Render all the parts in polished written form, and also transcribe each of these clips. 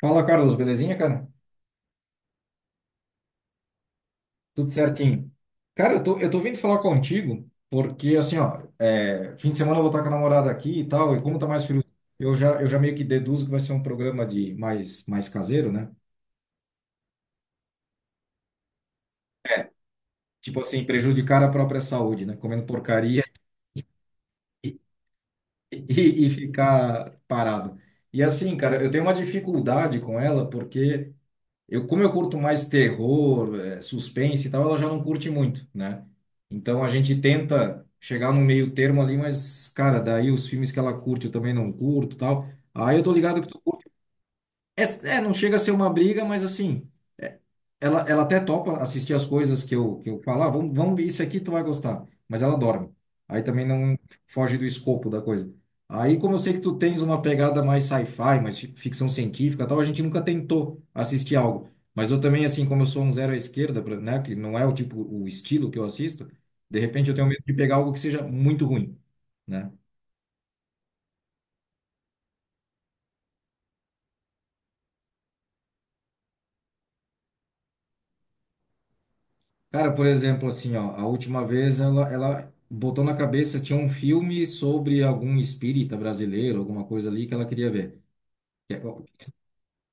Fala, Carlos, belezinha, cara? Tudo certinho. Cara, eu tô vindo falar contigo porque, assim, ó, fim de semana eu vou estar com a namorada aqui e tal, e como tá mais frio, eu já meio que deduzo que vai ser um programa de mais caseiro, né? Tipo assim, prejudicar a própria saúde, né? Comendo porcaria e, e ficar parado. E assim, cara, eu tenho uma dificuldade com ela porque como eu curto mais terror, suspense e tal, ela já não curte muito, né? Então a gente tenta chegar no meio termo ali, mas, cara, daí os filmes que ela curte eu também não curto e tal. Aí eu tô ligado que tu é, não chega a ser uma briga, mas assim, é, ela até topa assistir as coisas que eu falar, vamos ver isso aqui, tu vai gostar. Mas ela dorme. Aí também não foge do escopo da coisa. Aí, como eu sei que tu tens uma pegada mais sci-fi, mais ficção científica, e tal, a gente nunca tentou assistir algo. Mas eu também, assim, como eu sou um zero à esquerda, né, que não é o tipo, o estilo que eu assisto, de repente eu tenho medo de pegar algo que seja muito ruim, né? Cara, por exemplo, assim, ó, a última vez ela botou na cabeça, tinha um filme sobre algum espírita brasileiro, alguma coisa ali que ela queria ver. É,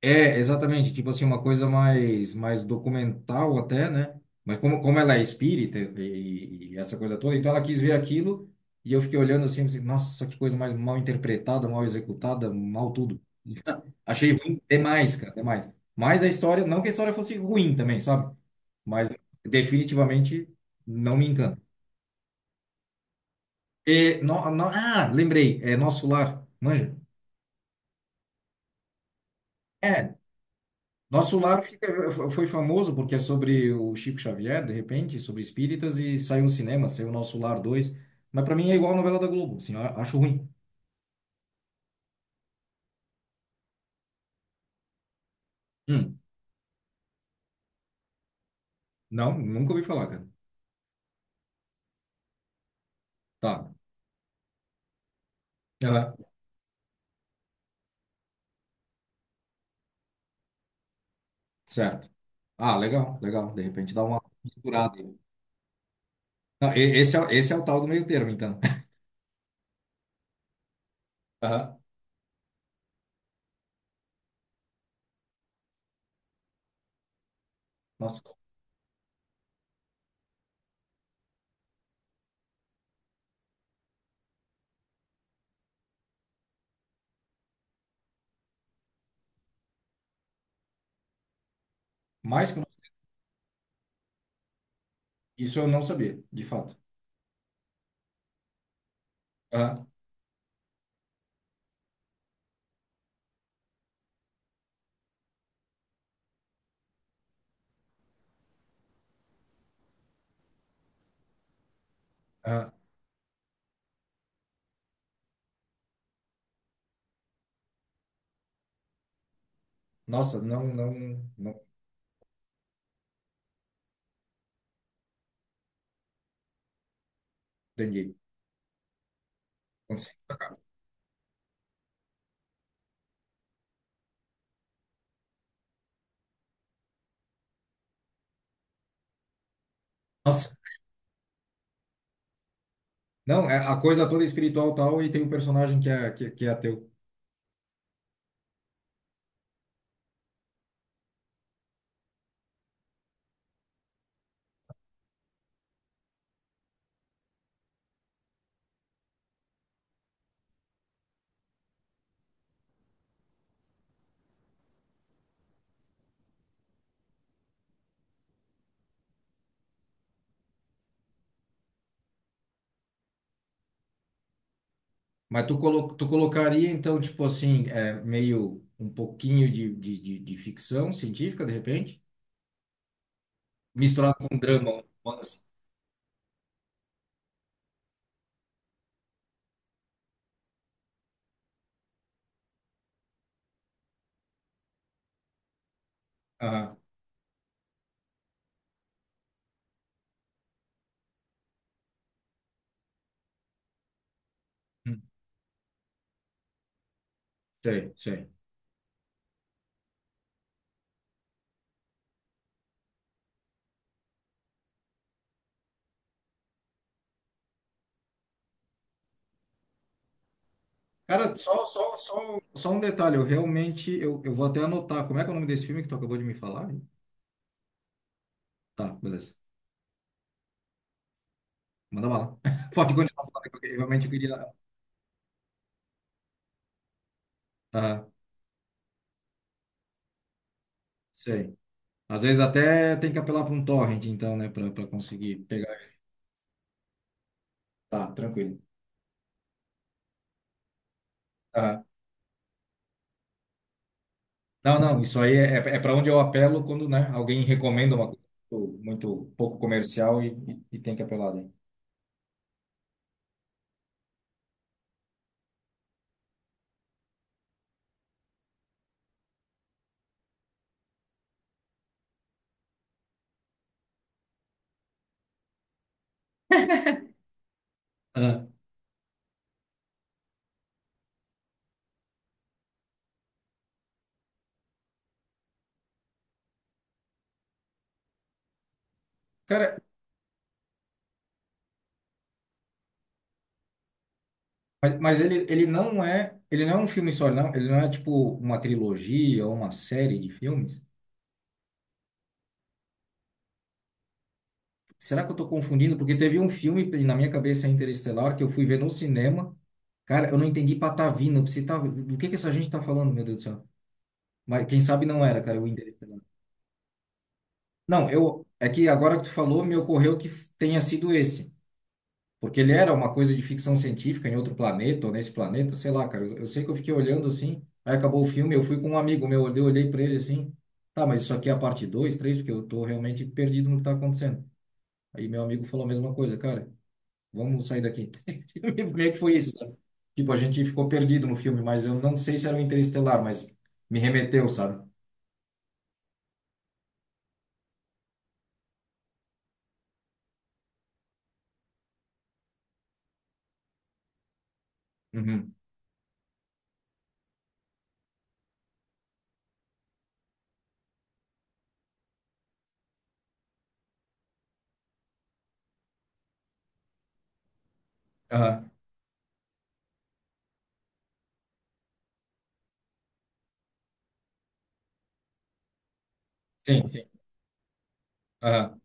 é, exatamente, tipo assim, uma coisa mais documental até, né? Mas como ela é espírita e essa coisa toda, então ela quis ver aquilo e eu fiquei olhando assim, nossa, que coisa mais mal interpretada, mal executada, mal tudo. Achei ruim demais, cara, demais. Mas a história, não que a história fosse ruim também, sabe? Mas definitivamente não me encanta. E, ah, lembrei, é Nosso Lar, manja? É, Nosso Lar foi famoso porque é sobre o Chico Xavier, de repente, sobre espíritas, e saiu no cinema, saiu Nosso Lar 2. Mas pra mim é igual a novela da Globo, assim, eu acho ruim. Hum, não, nunca ouvi falar, cara. Tá, aham, certo. Ah, legal, legal, de repente dá uma misturada aí. Não, esse é, esse é o tal do meio termo, então. Aham. Nossa, mais que isso eu não sabia, de fato. Aham, aham. Nossa, não, não, não entendi. Nossa, nossa. Não, é a coisa toda é espiritual tal e tem um personagem que é, que é ateu. Mas tu, tu colocaria, então, tipo assim, meio um pouquinho de ficção científica, de repente, misturado com um drama, um romance. Aham, hum, sei, sei. Cara, só um detalhe, eu realmente, eu vou até anotar, como é que é o nome desse filme que tu acabou de me falar? Tá, beleza, manda bala. Pode continuar falando, que eu realmente queria... Aham, sei. Às vezes até tem que apelar para um torrent, então, né, para conseguir pegar. Tá, tranquilo. Aham. Não, não, isso aí é para onde eu apelo quando, né, alguém recomenda uma coisa muito muito pouco comercial e tem que apelar daí. Aham. Cara, mas ele não é, ele não é um filme só, não. Ele não é tipo uma trilogia ou uma série de filmes. Será que eu tô confundindo? Porque teve um filme na minha cabeça Interestelar que eu fui ver no cinema. Cara, eu não entendi patavina. Você tá, do que essa gente tá falando, meu Deus do céu? Mas quem sabe não era, cara, o Interestelar. Não, eu é que agora que tu falou, me ocorreu que tenha sido esse. Porque ele era uma coisa de ficção científica em outro planeta, ou nesse planeta, sei lá, cara. Eu sei que eu fiquei olhando assim, aí acabou o filme, eu fui com um amigo meu, eu olhei pra ele assim, tá, mas isso aqui é a parte 2, 3, porque eu tô realmente perdido no que tá acontecendo. Aí meu amigo falou a mesma coisa, cara, vamos sair daqui. Meio que foi isso, sabe? Tipo, a gente ficou perdido no filme, mas eu não sei se era o Interestelar, mas me remeteu, sabe? Uhum. Aham. Sim, sim. Aham,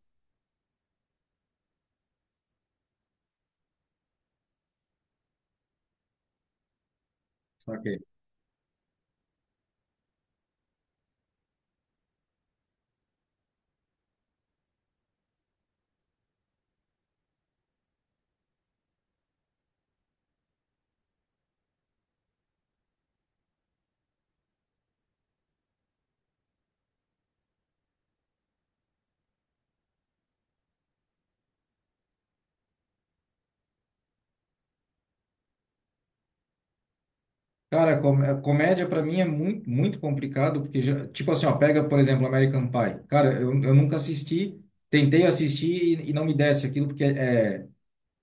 saquei. Cara, comédia pra mim é muito, muito complicado, porque, já, tipo assim, ó, pega, por exemplo, American Pie. Cara, eu nunca assisti, tentei assistir e não me desce aquilo, porque é,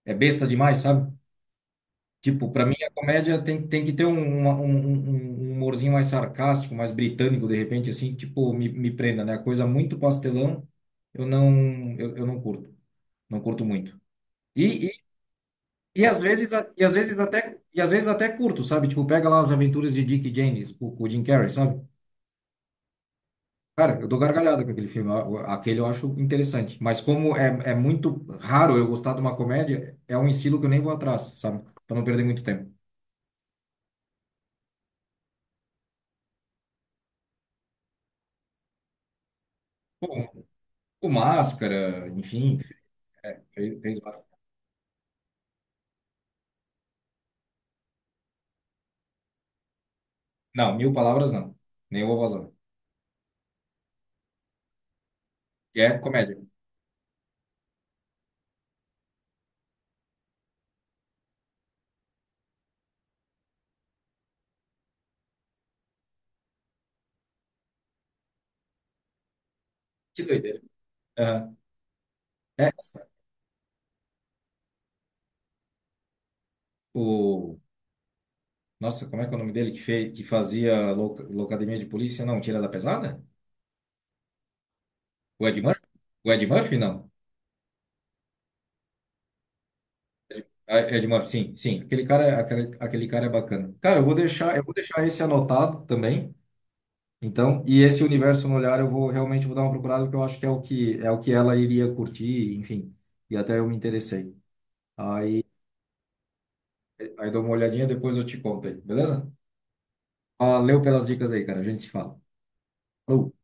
é besta demais, sabe? Tipo, pra mim a comédia tem que ter um, um, um humorzinho mais sarcástico, mais britânico, de repente, assim, tipo, me prenda, né? Coisa muito pastelão, eu não, eu não curto, não curto muito. E, e, e às vezes, e às vezes até, e às vezes até curto, sabe? Tipo, pega lá as aventuras de Dick e Jane, com o Jim Carrey, sabe? Cara, eu dou gargalhada com aquele filme. Aquele eu acho interessante. Mas como é muito raro eu gostar de uma comédia, é um estilo que eu nem vou atrás, sabe? Pra não perder muito tempo. Bom, o Máscara, enfim, fez várias. Não, mil palavras não. Nem o Vovozão. E é comédia. Que doideira. Aham. É, o... Nossa, como é que é o nome dele que, que fazia Locademia de Polícia? Não, Tira da Pesada? O Ed Murphy? O Ed Murphy, não. Ah, é de uma... Sim, sim. Aquele cara, aquele cara é bacana. Cara, eu vou deixar esse anotado também. Então, e esse universo no olhar eu vou realmente vou dar uma procurada porque eu acho que é o que é o que ela iria curtir, enfim. E até eu me interessei. Aí, aí dou uma olhadinha, depois eu te conto aí, beleza? Valeu pelas dicas aí, cara. A gente se fala. Falou.